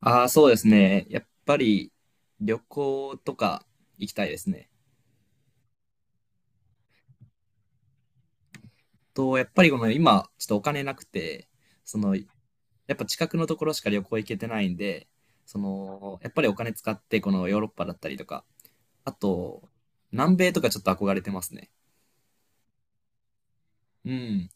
ああ、そうですね。やっぱり旅行とか行きたいですね。やっぱりこの今、ちょっとお金なくて、やっぱ近くのところしか旅行行けてないんで、やっぱりお金使って、このヨーロッパだったりとか、あと、南米とかちょっと憧れてますね。うん。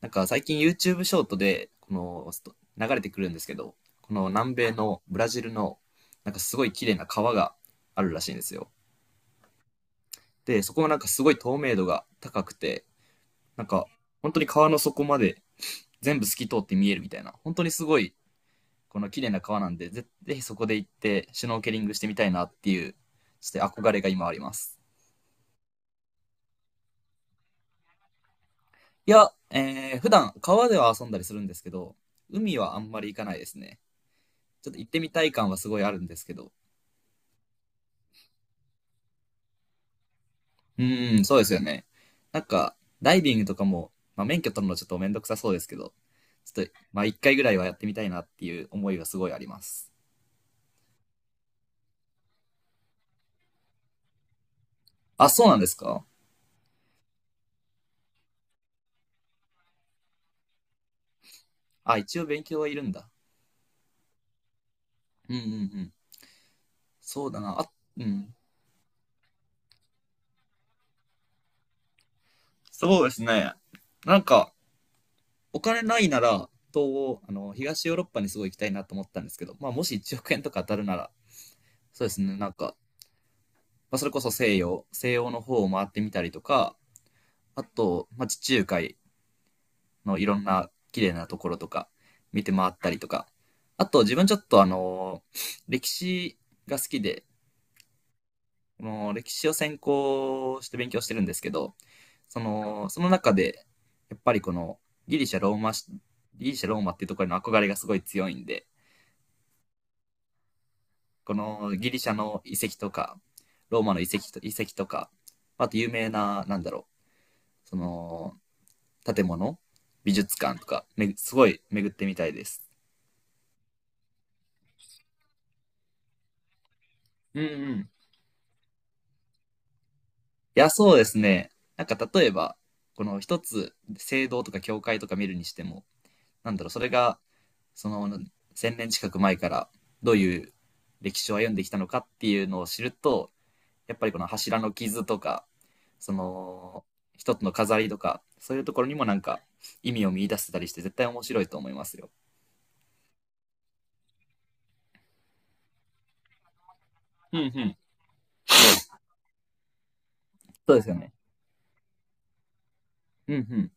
なんか最近 YouTube ショートで、この、スト流れてくるんですけど、この南米のブラジルの、なんかすごい綺麗な川があるらしいんですよ。で、そこはなんかすごい透明度が高くて、なんか、本当に川の底まで全部透き通って見えるみたいな、本当にすごい、この綺麗な川なんで、ぜひそこで行って、シュノーケリングしてみたいなっていう、ちょっと憧れが今あります。いや、普段川では遊んだりするんですけど、海はあんまり行かないですね。ちょっと行ってみたい感はすごいあるんですけど。うーん、そうですよね。なんか、ダイビングとかも、まあ、免許取るのちょっとめんどくさそうですけど、ちょっと、まあ、一回ぐらいはやってみたいなっていう思いはすごいあります。あ、そうなんですか？あ、一応勉強はいるんだ。うんうんうん。そうだな。あ、うん。そうですね。なんか、お金ないなら、東欧、東ヨーロッパにすごい行きたいなと思ったんですけど、まあ、もし1億円とか当たるなら、そうですね。なんか、まあ、それこそ西洋の方を回ってみたりとか、あと、まあ、地中海のいろんな綺麗なところとか、見て回ったりとか、あと、自分ちょっと歴史が好きで、も歴史を専攻して勉強してるんですけど、その中で、やっぱりこのギリシャ、ローマし、ギリシャ、ローマっていうところへの憧れがすごい強いんで、このギリシャの遺跡とか、ローマの遺跡とか、あと有名な、なんだろう、建物、美術館とか、すごい巡ってみたいです。うんうん。いや、そうですね。なんか例えば、この一つ、聖堂とか教会とか見るにしても、なんだろう、それがその1000年近く前からどういう歴史を歩んできたのかっていうのを知ると、やっぱりこの柱の傷とか、その一つの飾りとか、そういうところにもなんか意味を見出せたりして絶対面白いと思いますよ。うんうん。そうですよね。うんうん。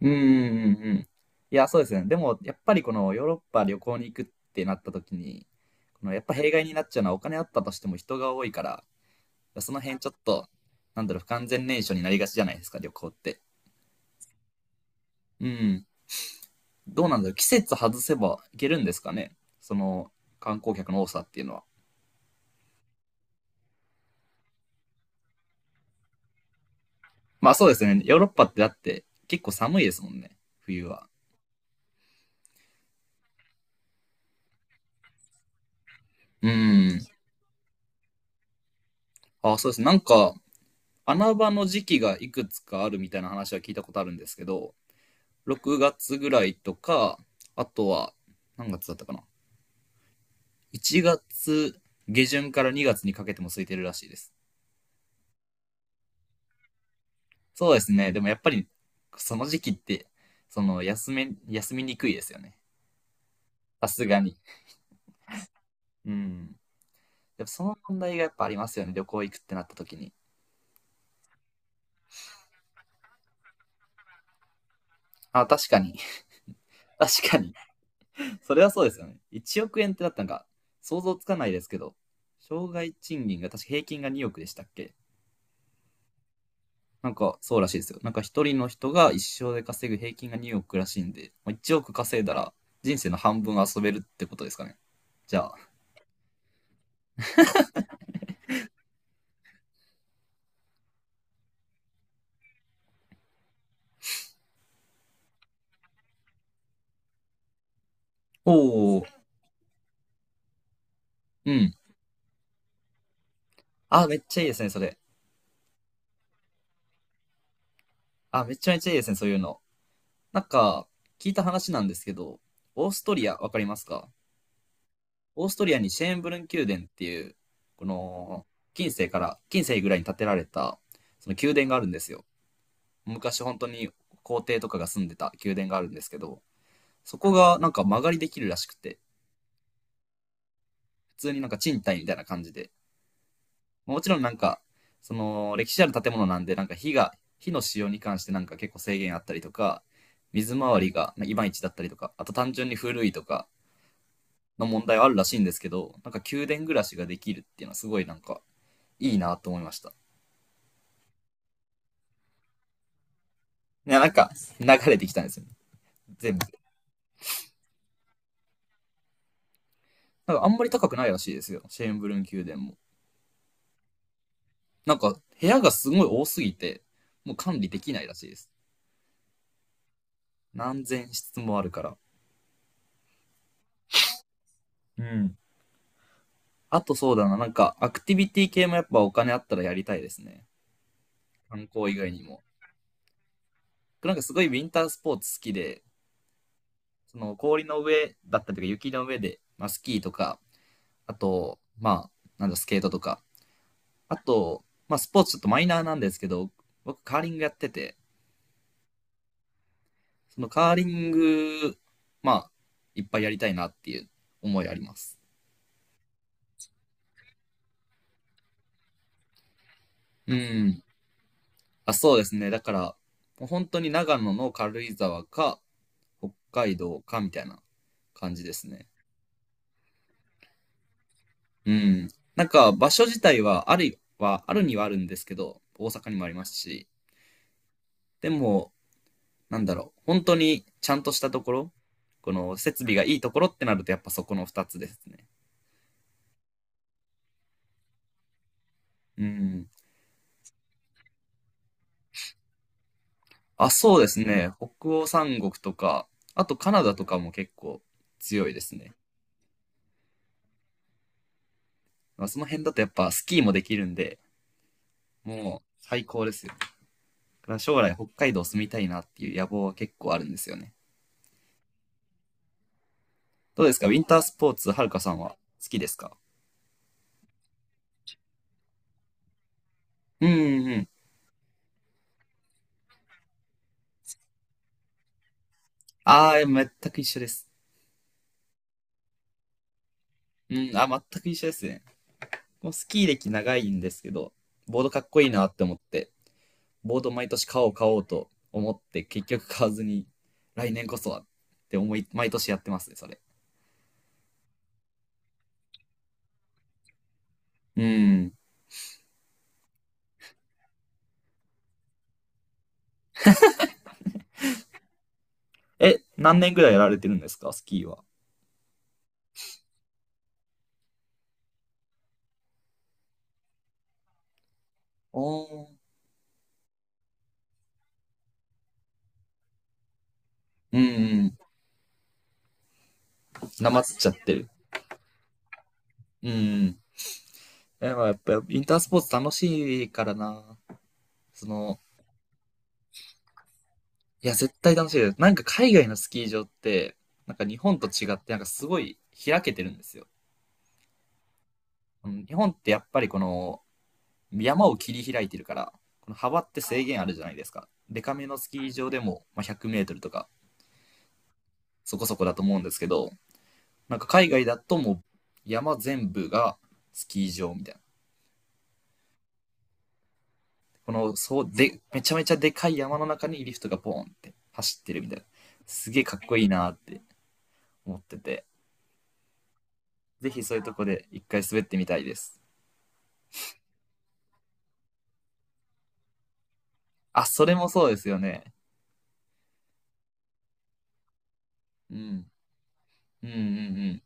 うんうんうんうん。いや、そうですよね。でも、やっぱりこのヨーロッパ旅行に行くってなった時に、このやっぱ弊害になっちゃうのはお金あったとしても人が多いから、その辺ちょっと、なんだろう、不完全燃焼になりがちじゃないですか、旅行って。うん。どうなんだろう。季節外せばいけるんですかね。その観光客の多さっていうのは。まあそうですね。ヨーロッパってだって結構寒いですもんね。冬は。うん。あ、そうですね。なんか穴場の時期がいくつかあるみたいな話は聞いたことあるんですけど、6月ぐらいとか、あとは何月だったかな。1月下旬から2月にかけても空いてるらしいです。そうですね。でもやっぱりその時期って、休みにくいですよね。さすがに。うん。やっぱその問題がやっぱありますよね、旅行行くってなった時に。あ、確かに。確かに。それはそうですよね。1億円ってなったんか、想像つかないですけど、障害賃金が確か平均が2億でしたっけ？なんかそうらしいですよ。なんか一人の人が一生で稼ぐ平均が2億らしいんで、まあ1億稼いだら人生の半分遊べるってことですかね。じゃあ。おお、うん。あ、めっちゃいいですね、それ。あ、めちゃめちゃいいですね、そういうの。なんか、聞いた話なんですけど、オーストリア、わかりますか？オーストリアにシェーンブルン宮殿っていう、この、近世ぐらいに建てられた、その宮殿があるんですよ。昔本当に皇帝とかが住んでた宮殿があるんですけど、そこがなんか間借りできるらしくて、普通になんか賃貸みたいな感じで、まあもちろんなんか、その歴史ある建物なんで、なんか火の使用に関してなんか結構制限あったりとか、水回りがいまいちだったりとか、あと単純に古いとかの問題はあるらしいんですけど、なんか宮殿暮らしができるっていうのはすごいなんかいいなと思いました。いや、なんか、流れてきたんですよね。全部。なんか、あんまり高くないらしいですよ。シェーンブルン宮殿も。なんか、部屋がすごい多すぎて、もう管理できないらしいです。何千室もあるから。うん。あとそうだな、なんか、アクティビティ系もやっぱお金あったらやりたいですね。観光以外にも。なんかすごいウィンタースポーツ好きで、その氷の上だったりとか雪の上で、まあスキーとか、あと、まあ、なんだ、スケートとか。あと、まあスポーツちょっとマイナーなんですけど、僕カーリングやってて、そのカーリング、まあ、いっぱいやりたいなっていう思いあります。うん。あ、そうですね。だから、もう本当に長野の軽井沢か、北海道かみたいな感じですね。うん。なんか、場所自体は、あるにはあるんですけど、大阪にもありますし、でも、なんだろう、本当にちゃんとしたところ、この設備がいいところってなると、やっぱそこの2つですね。うん。あ、そうですね。北欧三国とか、あとカナダとかも結構強いですね。まあ、その辺だとやっぱスキーもできるんで、もう最高ですよ。だから将来北海道住みたいなっていう野望は結構あるんですよね。どうですかウィンタースポーツ、はるかさんは好きですか？うんうんうん。ああ、全く一緒です。うん、あ、全く一緒ですね。もうスキー歴長いんですけど、ボードかっこいいなって思って、ボード毎年買おう買おうと思って、結局買わずに、来年こそはって思い、毎年やってますね、それ。うん。え、何年ぐらいやられてるんですか、スキーは？おー。うんうん。なまっちゃってる。うんうん。え、まあ、やっぱ、インタースポーツ楽しいからな。その、いや、絶対楽しいです。なんか海外のスキー場って、なんか日本と違って、なんかすごい開けてるんですよ。うん日本ってやっぱり山を切り開いてるから、この幅って制限あるじゃないですか。デカめのスキー場でも、まあ、100メートルとかそこそこだと思うんですけど、なんか海外だともう山全部がスキー場みたいな。そう、で、めちゃめちゃでかい山の中にリフトがボーンって走ってるみたいな。すげえかっこいいなって思ってて、ぜひそういうとこで一回滑ってみたいです。あ、それもそうですよね。うん。うんうんうん。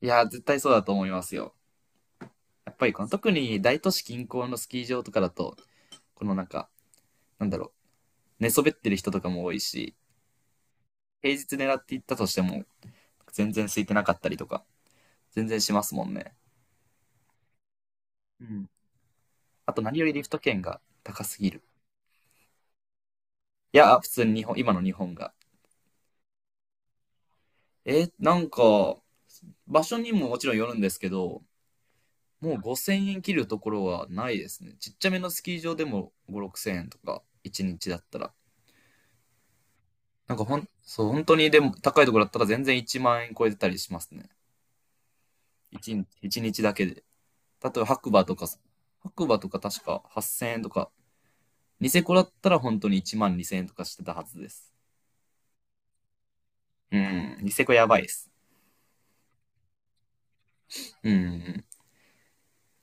いや、絶対そうだと思いますよ。やっぱりこの特に大都市近郊のスキー場とかだと、このなんか、なんだろう、寝そべってる人とかも多いし、平日狙っていったとしても、全然空いてなかったりとか、全然しますもんね。うん。あと何よりリフト券が高すぎる。いや、普通に今の日本が。え、なんか、場所にももちろんよるんですけど、もう5000円切るところはないですね。ちっちゃめのスキー場でも5、6000円とか、1日だったら。なんかそう、本当にでも高いところだったら全然1万円超えてたりしますね。1日、一日だけで。例えば白馬とか確か8000円とか、ニセコだったら本当に1万2000円とかしてたはずです。うん、ニセコやばいです。うんうん。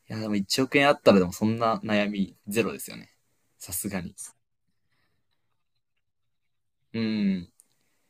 いや、でも1億円あったらでもそんな悩みゼロですよね。さすがに。うん。